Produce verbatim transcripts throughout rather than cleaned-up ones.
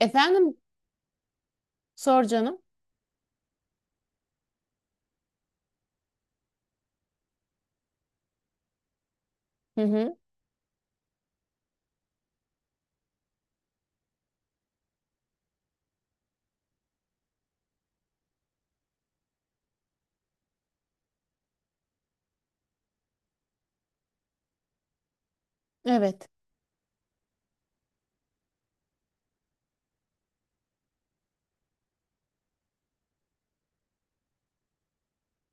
Efendim, sor canım. Hı hı. Evet.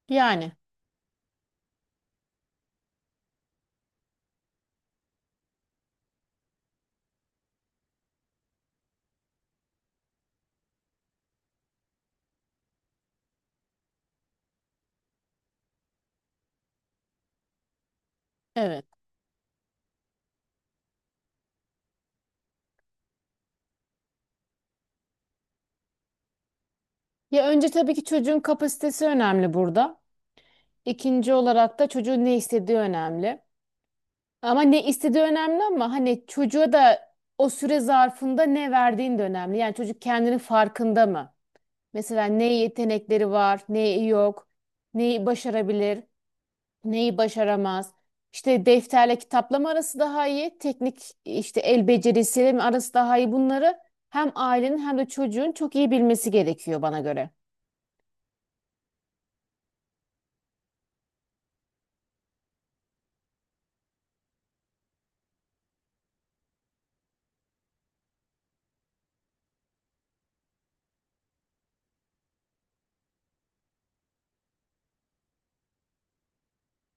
Yani evet. Ya önce tabii ki çocuğun kapasitesi önemli burada. İkinci olarak da çocuğun ne istediği önemli. Ama ne istediği önemli, ama hani çocuğa da o süre zarfında ne verdiğin de önemli. Yani çocuk kendinin farkında mı? Mesela ne yetenekleri var, ne yok, neyi başarabilir, neyi başaramaz. İşte defterle kitapla arası daha iyi, teknik işte el becerisiyle mi arası daha iyi, bunları hem ailenin hem de çocuğun çok iyi bilmesi gerekiyor bana göre.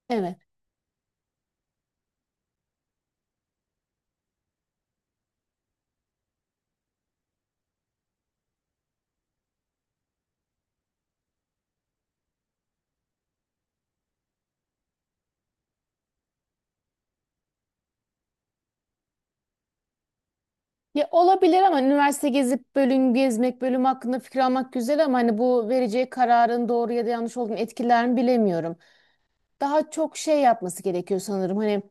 Evet. Ya olabilir, ama üniversite gezip bölüm gezmek, bölüm hakkında fikir almak güzel, ama hani bu vereceği kararın doğru ya da yanlış olduğunu, etkilerini bilemiyorum. Daha çok şey yapması gerekiyor sanırım. Hani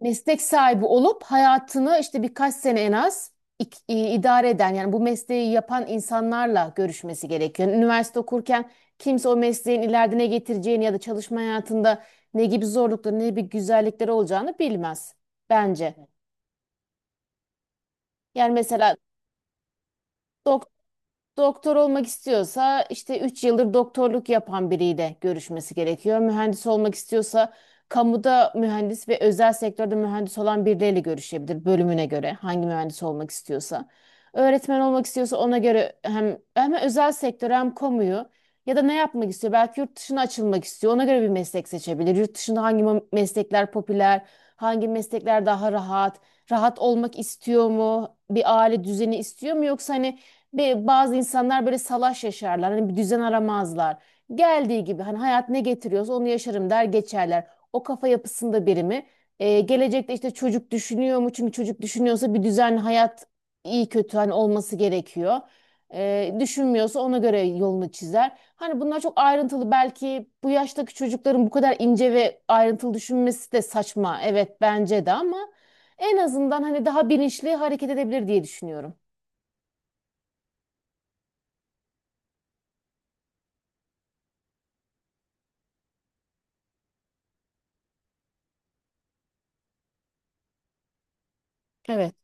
meslek sahibi olup hayatını işte birkaç sene en az ik- i- idare eden, yani bu mesleği yapan insanlarla görüşmesi gerekiyor. Yani üniversite okurken kimse o mesleğin ileride ne getireceğini ya da çalışma hayatında ne gibi zorlukları, ne gibi güzellikleri olacağını bilmez bence. Yani mesela. Doktor olmak istiyorsa, işte üç yıldır doktorluk yapan biriyle görüşmesi gerekiyor. Mühendis olmak istiyorsa, kamuda mühendis ve özel sektörde mühendis olan birileriyle görüşebilir, bölümüne göre hangi mühendis olmak istiyorsa. Öğretmen olmak istiyorsa ona göre hem hem özel sektör hem kamuyu, ya da ne yapmak istiyor? Belki yurt dışına açılmak istiyor. Ona göre bir meslek seçebilir. Yurt dışında hangi mo- meslekler popüler, hangi meslekler daha rahat, rahat olmak istiyor mu? Bir aile düzeni istiyor mu, yoksa hani, ve bazı insanlar böyle salaş yaşarlar. Hani bir düzen aramazlar. Geldiği gibi, hani hayat ne getiriyorsa onu yaşarım der geçerler. O kafa yapısında biri mi? Ee, gelecekte işte çocuk düşünüyor mu? Çünkü çocuk düşünüyorsa bir düzenli hayat, iyi kötü, hani olması gerekiyor. Ee, düşünmüyorsa ona göre yolunu çizer. Hani bunlar çok ayrıntılı, belki bu yaştaki çocukların bu kadar ince ve ayrıntılı düşünmesi de saçma. Evet, bence de, ama en azından hani daha bilinçli hareket edebilir diye düşünüyorum. Evet.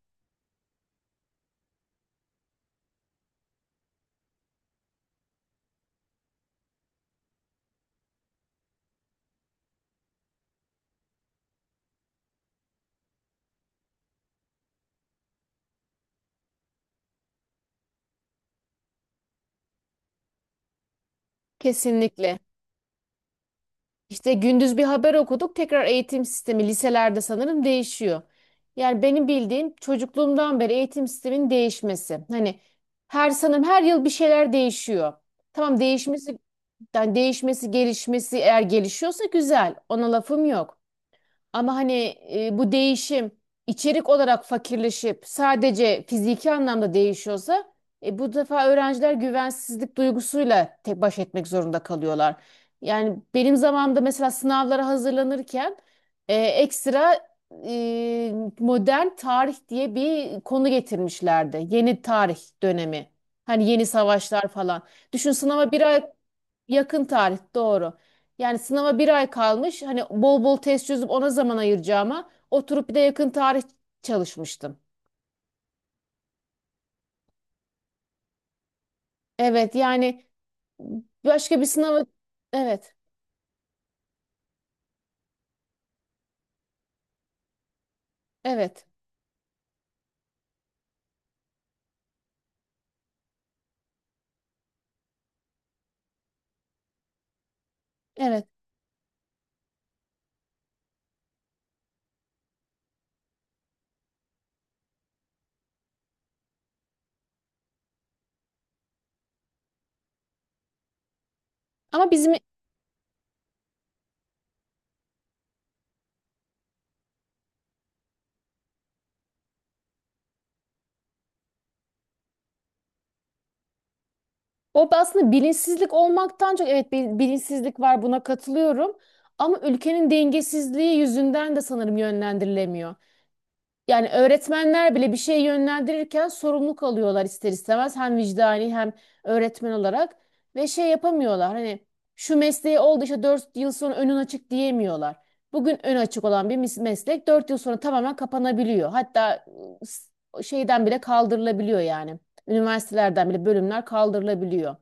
Kesinlikle. İşte gündüz bir haber okuduk. Tekrar eğitim sistemi liselerde sanırım değişiyor. Yani benim bildiğim, çocukluğumdan beri eğitim sisteminin değişmesi. Hani her sanırım her yıl bir şeyler değişiyor. Tamam, değişmesi, yani değişmesi, gelişmesi, eğer gelişiyorsa güzel. Ona lafım yok. Ama hani e, bu değişim içerik olarak fakirleşip sadece fiziki anlamda değişiyorsa, e, bu defa öğrenciler güvensizlik duygusuyla tek baş etmek zorunda kalıyorlar. Yani benim zamanımda mesela sınavlara hazırlanırken e, ekstra, e, modern tarih diye bir konu getirmişlerdi. Yeni tarih dönemi. Hani yeni savaşlar falan. Düşün, sınava bir ay. Yakın tarih, doğru. Yani sınava bir ay kalmış. Hani bol bol test çözüp ona zaman ayıracağıma, oturup bir de yakın tarih çalışmıştım. Evet, yani başka bir sınava. Evet, evet, evet, ama bizim. O aslında bilinçsizlik olmaktan çok, evet, bil- bilinçsizlik var, buna katılıyorum, ama ülkenin dengesizliği yüzünden de sanırım yönlendirilemiyor. Yani öğretmenler bile bir şey yönlendirirken sorumluluk alıyorlar ister istemez. Hem vicdani, hem öğretmen olarak. Ve şey yapamıyorlar, hani şu mesleği oldu işte, dört yıl sonra önün açık diyemiyorlar. Bugün ön açık olan bir mis- meslek dört yıl sonra tamamen kapanabiliyor. Hatta ıı, s- şeyden bile kaldırılabiliyor yani. Üniversitelerden bile bölümler kaldırılabiliyor.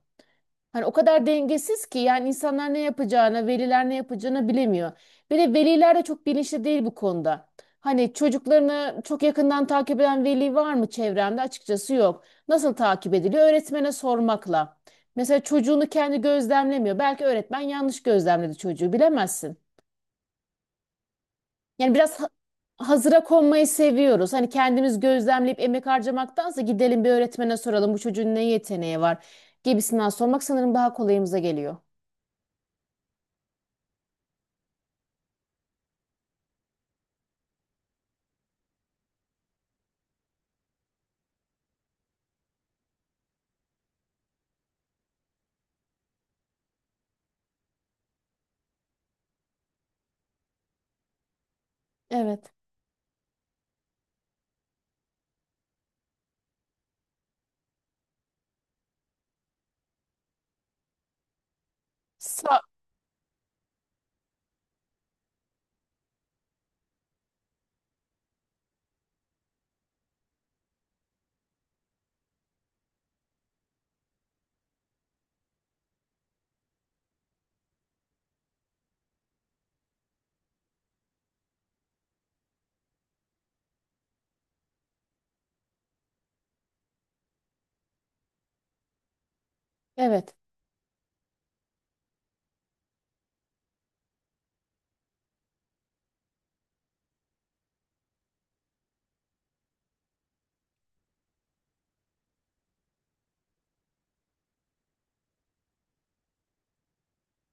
Hani o kadar dengesiz ki, yani insanlar ne yapacağını, veliler ne yapacağını bilemiyor. Bir de veliler de çok bilinçli değil bu konuda. Hani çocuklarını çok yakından takip eden veli var mı çevremde? Açıkçası yok. Nasıl takip ediliyor? Öğretmene sormakla. Mesela çocuğunu kendi gözlemlemiyor. Belki öğretmen yanlış gözlemledi çocuğu, bilemezsin. Yani biraz ha- hazıra konmayı seviyoruz. Hani kendimiz gözlemleyip emek harcamaktansa, gidelim bir öğretmene soralım bu çocuğun ne yeteneği var gibisinden sormak sanırım daha kolayımıza geliyor. Evet. Sa- evet.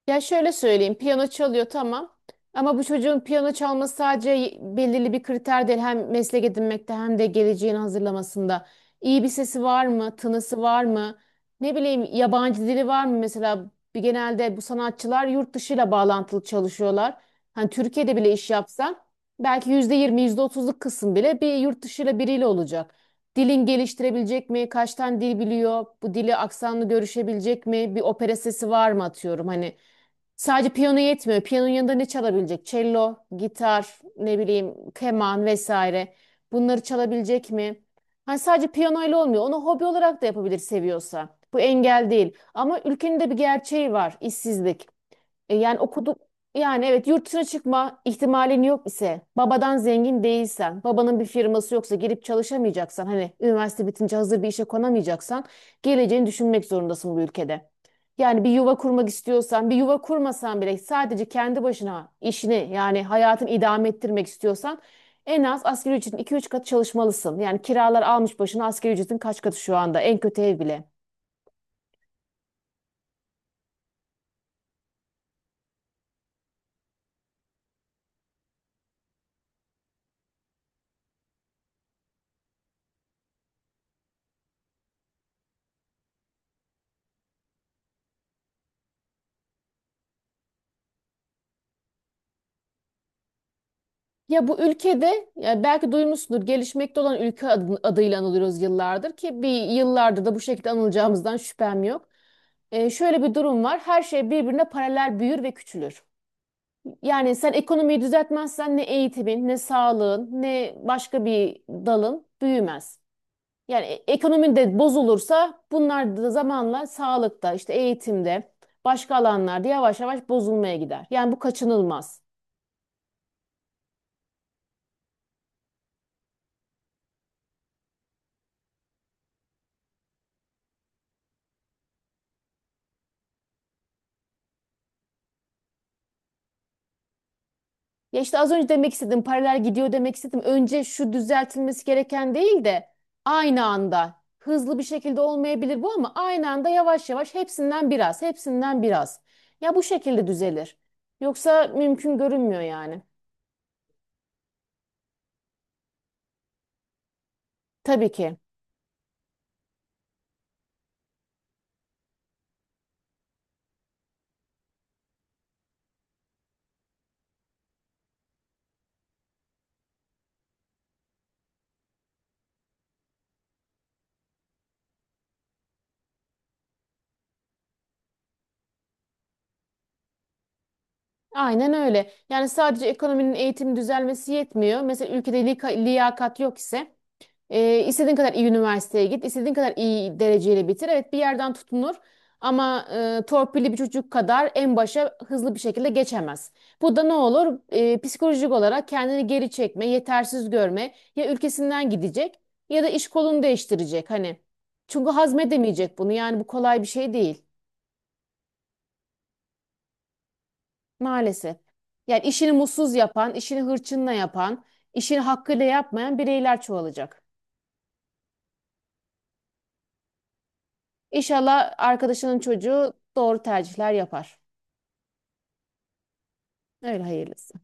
Ya şöyle söyleyeyim, piyano çalıyor, tamam. Ama bu çocuğun piyano çalması sadece y- belirli bir kriter değil. Hem meslek edinmekte, hem de geleceğini hazırlamasında. İyi bir sesi var mı? Tınısı var mı? Ne bileyim, yabancı dili var mı? Mesela bir, genelde bu sanatçılar yurt dışıyla bağlantılı çalışıyorlar. Hani Türkiye'de bile iş yapsan, belki yüzde yirmi, yüzde otuzluk kısım bile bir yurt dışıyla, biriyle olacak. Dilin geliştirebilecek mi? Kaç tane dil biliyor? Bu dili aksanlı görüşebilecek mi? Bir opera sesi var mı, atıyorum hani. Sadece piyano yetmiyor. Piyanonun yanında ne çalabilecek? Cello, gitar, ne bileyim, keman vesaire. Bunları çalabilecek mi? Hani sadece piyanoyla olmuyor. Onu hobi olarak da yapabilir, seviyorsa. Bu engel değil. Ama ülkenin de bir gerçeği var. İşsizlik. E, yani okuduk, yani evet, yurt dışına çıkma ihtimalin yok ise, babadan zengin değilsen, babanın bir firması yoksa, gelip çalışamayacaksan, hani üniversite bitince hazır bir işe konamayacaksan, geleceğini düşünmek zorundasın bu ülkede. Yani bir yuva kurmak istiyorsan, bir yuva kurmasan bile, sadece kendi başına işini, yani hayatını idame ettirmek istiyorsan, en az asgari ücretin iki üç katı çalışmalısın. Yani kiralar almış başına, asgari ücretin kaç katı şu anda en kötü ev bile. Ya bu ülkede, ya, belki duymuşsundur, gelişmekte olan ülke adı- adıyla anılıyoruz yıllardır, ki bir yıllardır da bu şekilde anılacağımızdan şüphem yok. Ee, şöyle bir durum var. Her şey birbirine paralel büyür ve küçülür. Yani sen ekonomiyi düzeltmezsen, ne eğitimin, ne sağlığın, ne başka bir dalın büyümez. Yani e- ekonomi de bozulursa bunlar da zamanla, sağlıkta, işte eğitimde, başka alanlarda yavaş yavaş bozulmaya gider. Yani bu kaçınılmaz. Ya işte az önce demek istedim, paralel gidiyor demek istedim. Önce şu düzeltilmesi gereken değil de, aynı anda hızlı bir şekilde olmayabilir bu, ama aynı anda yavaş yavaş hepsinden biraz, hepsinden biraz. Ya bu şekilde düzelir. Yoksa mümkün görünmüyor yani. Tabii ki. Aynen öyle. Yani sadece ekonominin, eğitim düzelmesi yetmiyor. Mesela ülkede lika- liyakat yok ise, e, istediğin kadar iyi üniversiteye git, istediğin kadar iyi dereceyle bitir. Evet, bir yerden tutunur, ama e, torpilli bir çocuk kadar en başa hızlı bir şekilde geçemez. Bu da ne olur? E, psikolojik olarak kendini geri çekme, yetersiz görme, ya ülkesinden gidecek, ya da iş kolunu değiştirecek. Hani, çünkü hazmedemeyecek bunu. Yani bu kolay bir şey değil. Maalesef. Yani işini mutsuz yapan, işini hırçınla yapan, işini hakkıyla yapmayan bireyler çoğalacak. İnşallah arkadaşının çocuğu doğru tercihler yapar. Öyle, hayırlısı.